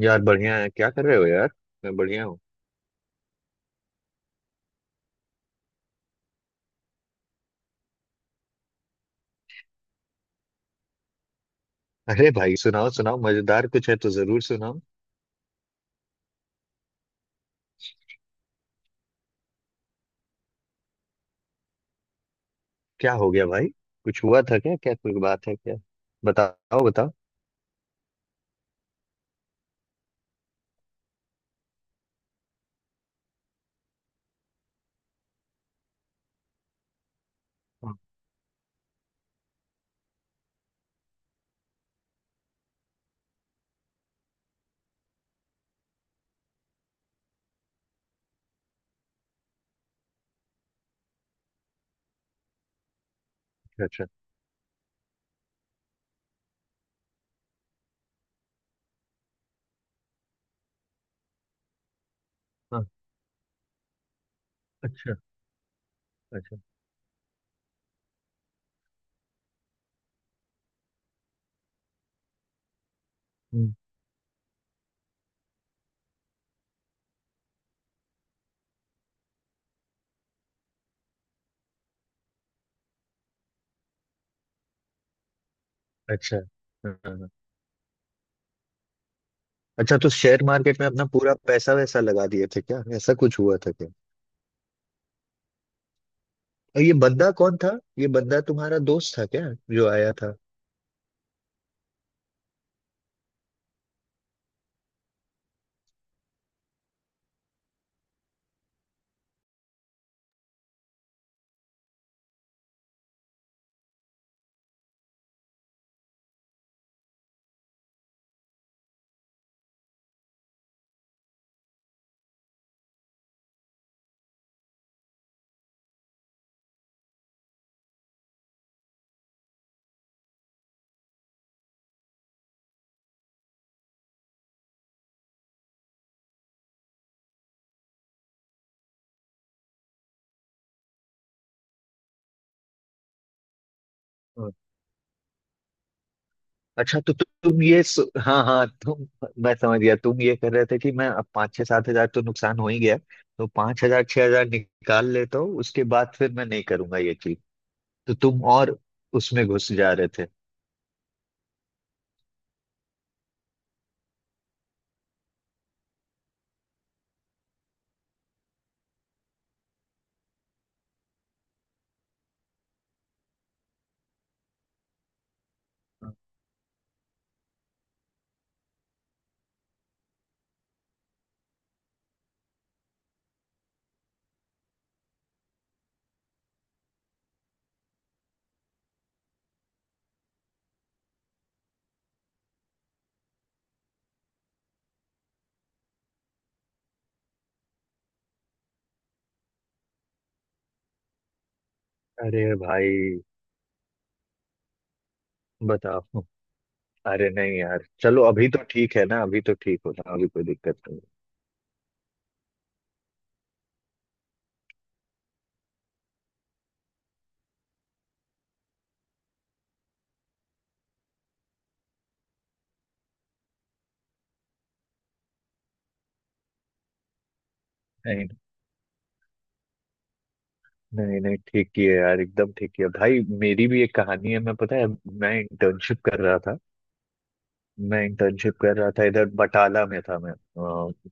यार बढ़िया है, क्या कर रहे हो यार। मैं बढ़िया हूँ। अरे भाई, सुनाओ सुनाओ, मजेदार कुछ है तो जरूर सुनाओ। क्या हो गया भाई? कुछ हुआ था क्या? क्या कोई बात है क्या? बताओ बताओ। हाँ, अच्छा अच्छा। हाँ, अच्छा अच्छा। हम्म, अच्छा। हाँ, हाँ। हाँ। अच्छा, तो शेयर मार्केट में अपना पूरा पैसा वैसा लगा दिए थे क्या? ऐसा कुछ हुआ था क्या? और ये बंदा कौन था? ये बंदा तुम्हारा दोस्त था क्या, जो आया था? अच्छा, तो तुम हाँ हाँ तुम। मैं समझ गया, तुम ये कर रहे थे कि मैं अब पाँच छः सात हजार तो नुकसान हो ही गया, तो पाँच हजार छह हजार निकाल लेता हूँ, उसके बाद फिर मैं नहीं करूंगा ये चीज। तो तुम और उसमें घुस जा रहे थे। अरे भाई, बताओ। अरे नहीं यार, चलो अभी तो ठीक है ना, अभी तो ठीक हो रहा, अभी कोई दिक्कत नहीं। नहीं नहीं नहीं, ठीक ही है यार, एकदम ठीक ही है भाई। मेरी भी एक कहानी है, मैं पता है, मैं इंटर्नशिप कर रहा था। मैं इंटर्नशिप कर रहा था, इधर बटाला में था मैं।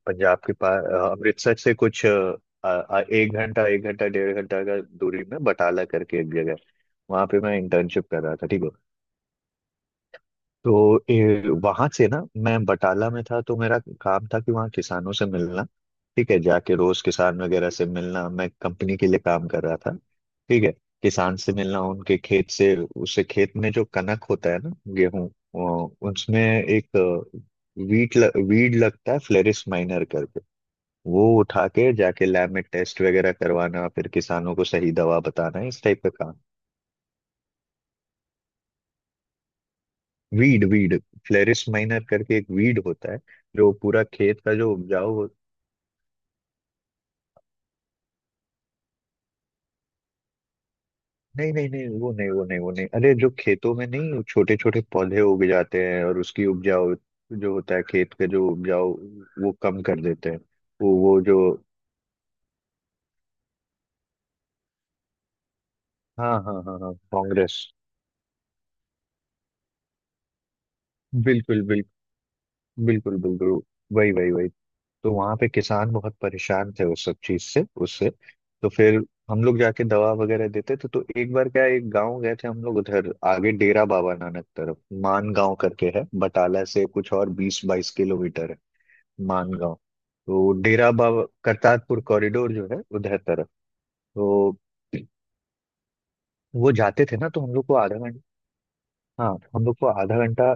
पंजाब के पास, अमृतसर से कुछ एक घंटा, एक घंटा डेढ़ घंटा का दूरी में, बटाला करके एक जगह। वहां पे मैं इंटर्नशिप कर रहा था, ठीक है। तो वहां से ना, मैं बटाला में था तो मेरा काम था कि वहाँ किसानों से मिलना। ठीक है, जाके रोज किसान वगैरह से मिलना, मैं कंपनी के लिए काम कर रहा था, ठीक है। किसान से मिलना, उनके खेत से, उससे खेत में जो कनक होता है ना, गेहूं, उसमें एक वीड लगता है, फ्लेरिस माइनर करके। वो उठा के जाके लैब में टेस्ट वगैरह करवाना, फिर किसानों को सही दवा बताना, इस टाइप का काम। वीड वीड, फ्लेरिस माइनर करके एक वीड होता है, जो पूरा खेत का जो उपजाऊ हो। नहीं नहीं नहीं, वो नहीं, वो नहीं, वो नहीं, अरे जो खेतों में नहीं, छोटे छोटे पौधे उग जाते हैं, और उसकी उपजाऊ जो होता है खेत के, जो उपजाऊ वो कम कर देते हैं। वो जो। हाँ हाँ हाँ हाँ, कांग्रेस। बिल्कुल बिल्कुल। बिल्कुल बिल्कुल। वही वही वही। तो वहां पे किसान बहुत परेशान थे उस सब चीज से, उससे। तो फिर। हम लोग जाके दवा वगैरह देते थे, तो एक बार क्या है, एक गांव गए थे हम लोग उधर, आगे डेरा बाबा नानक तरफ। मान गांव करके है, बटाला से कुछ और 20-22 किलोमीटर है। मान गांव। तो डेरा बाबा करतारपुर कॉरिडोर जो है, उधर तरफ। तो वो जाते थे ना, तो हम लोग को आधा घंटा। हाँ, हम लोग को आधा घंटा।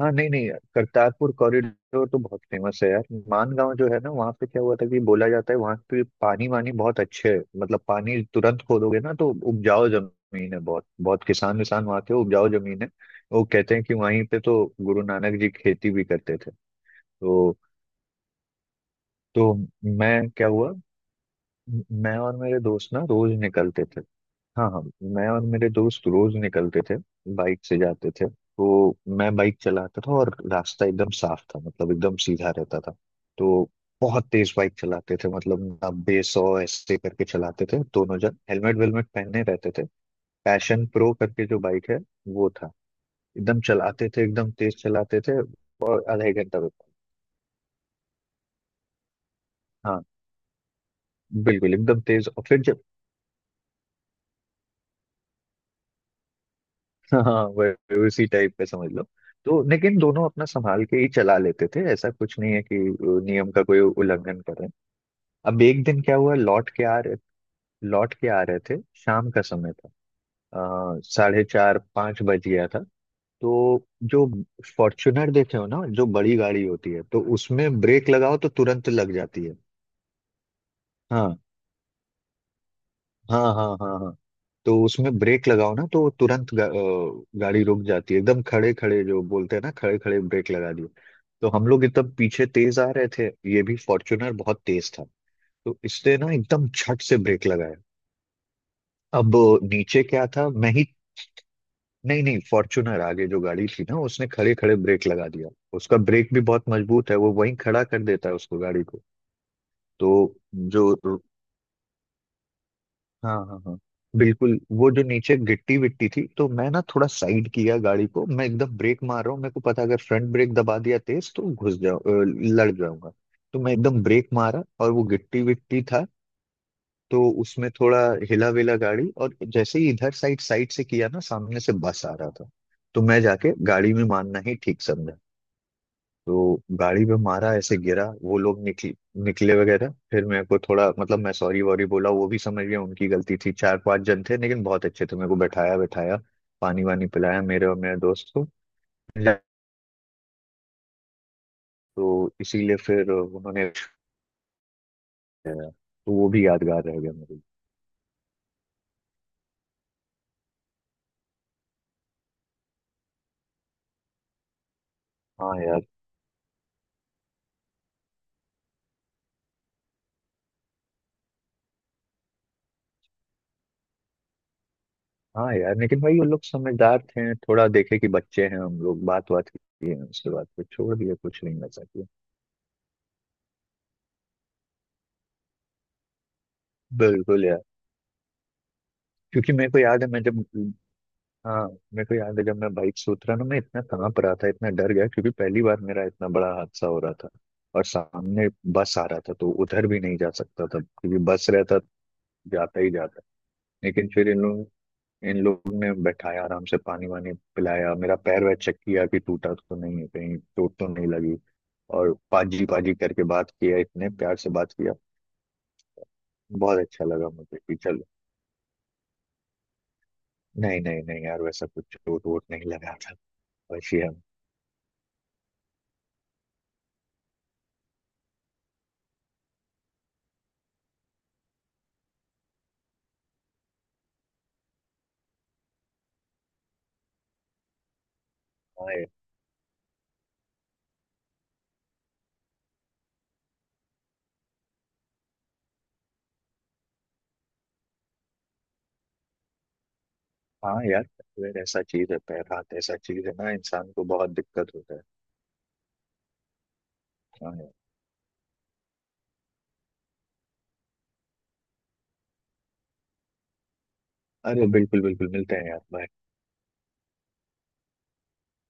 हाँ नहीं नहीं, करतारपुर कॉरिडोर तो बहुत फेमस है यार। मानगांव जो है ना, वहाँ पे क्या हुआ था कि बोला जाता है वहाँ पे पानी वानी बहुत अच्छे है, मतलब पानी तुरंत खोदोगे ना तो उपजाऊ जमीन है, बहुत बहुत किसान विसान वहाँ के, उपजाऊ जमीन है। वो कहते हैं कि वहीं पे तो गुरु नानक जी खेती भी करते थे। तो तो मैं क्या हुआ। मैं और मेरे दोस्त ना रोज निकलते थे। हाँ हाँ। मैं और मेरे दोस्त रोज निकलते थे, बाइक से जाते थे, तो मैं बाइक चलाता था, और रास्ता एकदम साफ था, मतलब एकदम सीधा रहता था। तो बहुत तेज बाइक चलाते थे, मतलब 90-100 ऐसे करके चलाते थे, दोनों जन हेलमेट वेलमेट पहने रहते थे। पैशन प्रो करके जो बाइक है, वो था। एकदम चलाते थे, एकदम तेज चलाते थे। और आधा एक घंटा रुका। हाँ बिल्कुल, एकदम तेज। और फिर जब, हाँ, उसी टाइप का समझ लो। तो लेकिन दोनों अपना संभाल के ही चला लेते थे, ऐसा कुछ नहीं है कि नियम का कोई उल्लंघन कर रहे हैं। अब एक दिन क्या हुआ, लौट के आ रहे थे, शाम का समय था, साढ़े चार पाँच बज गया था। तो, जो फॉर्च्यूनर देखे हो ना, जो बड़ी गाड़ी होती है, तो उसमें ब्रेक लगाओ तो तुरंत लग जाती है। हाँ हाँ हाँ हाँ हाँ। तो उसमें ब्रेक लगाओ ना तो तुरंत गाड़ी रुक जाती है एकदम, खड़े खड़े जो बोलते हैं ना, खड़े खड़े ब्रेक लगा दिए। तो हम लोग एकदम पीछे तेज आ रहे थे। ये भी फॉर्च्यूनर बहुत तेज था। तो इसने ना एकदम झट से ब्रेक लगाया। अब नीचे क्या था मैं ही, नहीं नहीं, फॉर्च्यूनर आगे जो गाड़ी थी ना, उसने खड़े खड़े ब्रेक लगा दिया। उसका ब्रेक भी बहुत मजबूत है, वो वहीं खड़ा कर देता है उसको, गाड़ी को। तो जो, हाँ हाँ हाँ बिल्कुल, वो जो नीचे गिट्टी विट्टी थी, तो मैं ना थोड़ा साइड किया गाड़ी को, मैं एकदम ब्रेक मार रहा हूँ, मेरे को पता है, अगर फ्रंट ब्रेक दबा दिया तेज तो घुस लड़ जाऊंगा। तो मैं एकदम ब्रेक मारा, और वो गिट्टी विट्टी था, तो उसमें थोड़ा हिला विला गाड़ी। और जैसे ही इधर, साइड साइड से किया ना, सामने से बस आ रहा था, तो मैं जाके गाड़ी में मानना ही ठीक समझा। तो गाड़ी पे मारा, ऐसे गिरा। वो लोग निकले वगैरह। फिर मेरे को थोड़ा, मतलब मैं सॉरी वॉरी बोला, वो भी समझ गया, उनकी गलती थी। चार पांच जन थे लेकिन बहुत अच्छे थे, मेरे को बैठाया बैठाया, पानी वानी पिलाया मेरे और मेरे दोस्त को। तो इसीलिए फिर उन्होंने, तो वो भी यादगार रह गया मेरे लिए। हाँ यार। हाँ यार, लेकिन भाई वो लोग समझदार थे, थोड़ा देखे कि बच्चे हैं हम लोग, बात बात की है, उसके बाद फिर छोड़ दिया, कुछ नहीं ऐसा किया। बिल्कुल यार। क्योंकि मेरे को याद है मैं जब, हाँ, मेरे को याद है जब मैं बाइक से उतरा ना, मैं इतना कांप रहा था, इतना डर गया, क्योंकि पहली बार मेरा इतना बड़ा हादसा हो रहा था। और सामने बस आ रहा था तो उधर भी नहीं जा सकता था क्योंकि बस रहता, जाता ही जाता। लेकिन फिर इन लोगों ने बैठाया आराम से, पानी वानी पिलाया, मेरा पैर वैर चेक किया कि टूटा तो नहीं है, कहीं चोट तो नहीं लगी। और पाजी पाजी करके बात किया, इतने प्यार से बात किया, बहुत अच्छा लगा मुझे कि चलो। नहीं नहीं नहीं यार, वैसा कुछ चोट वोट नहीं लगा था, बस ये। हम। हाँ यार, पैरवेर ऐसा चीज है, पैर हाथ ऐसा चीज है ना, इंसान को बहुत दिक्कत होता है। हाँ यार। अरे बिल्कुल बिल्कुल, मिलते हैं यार, bye।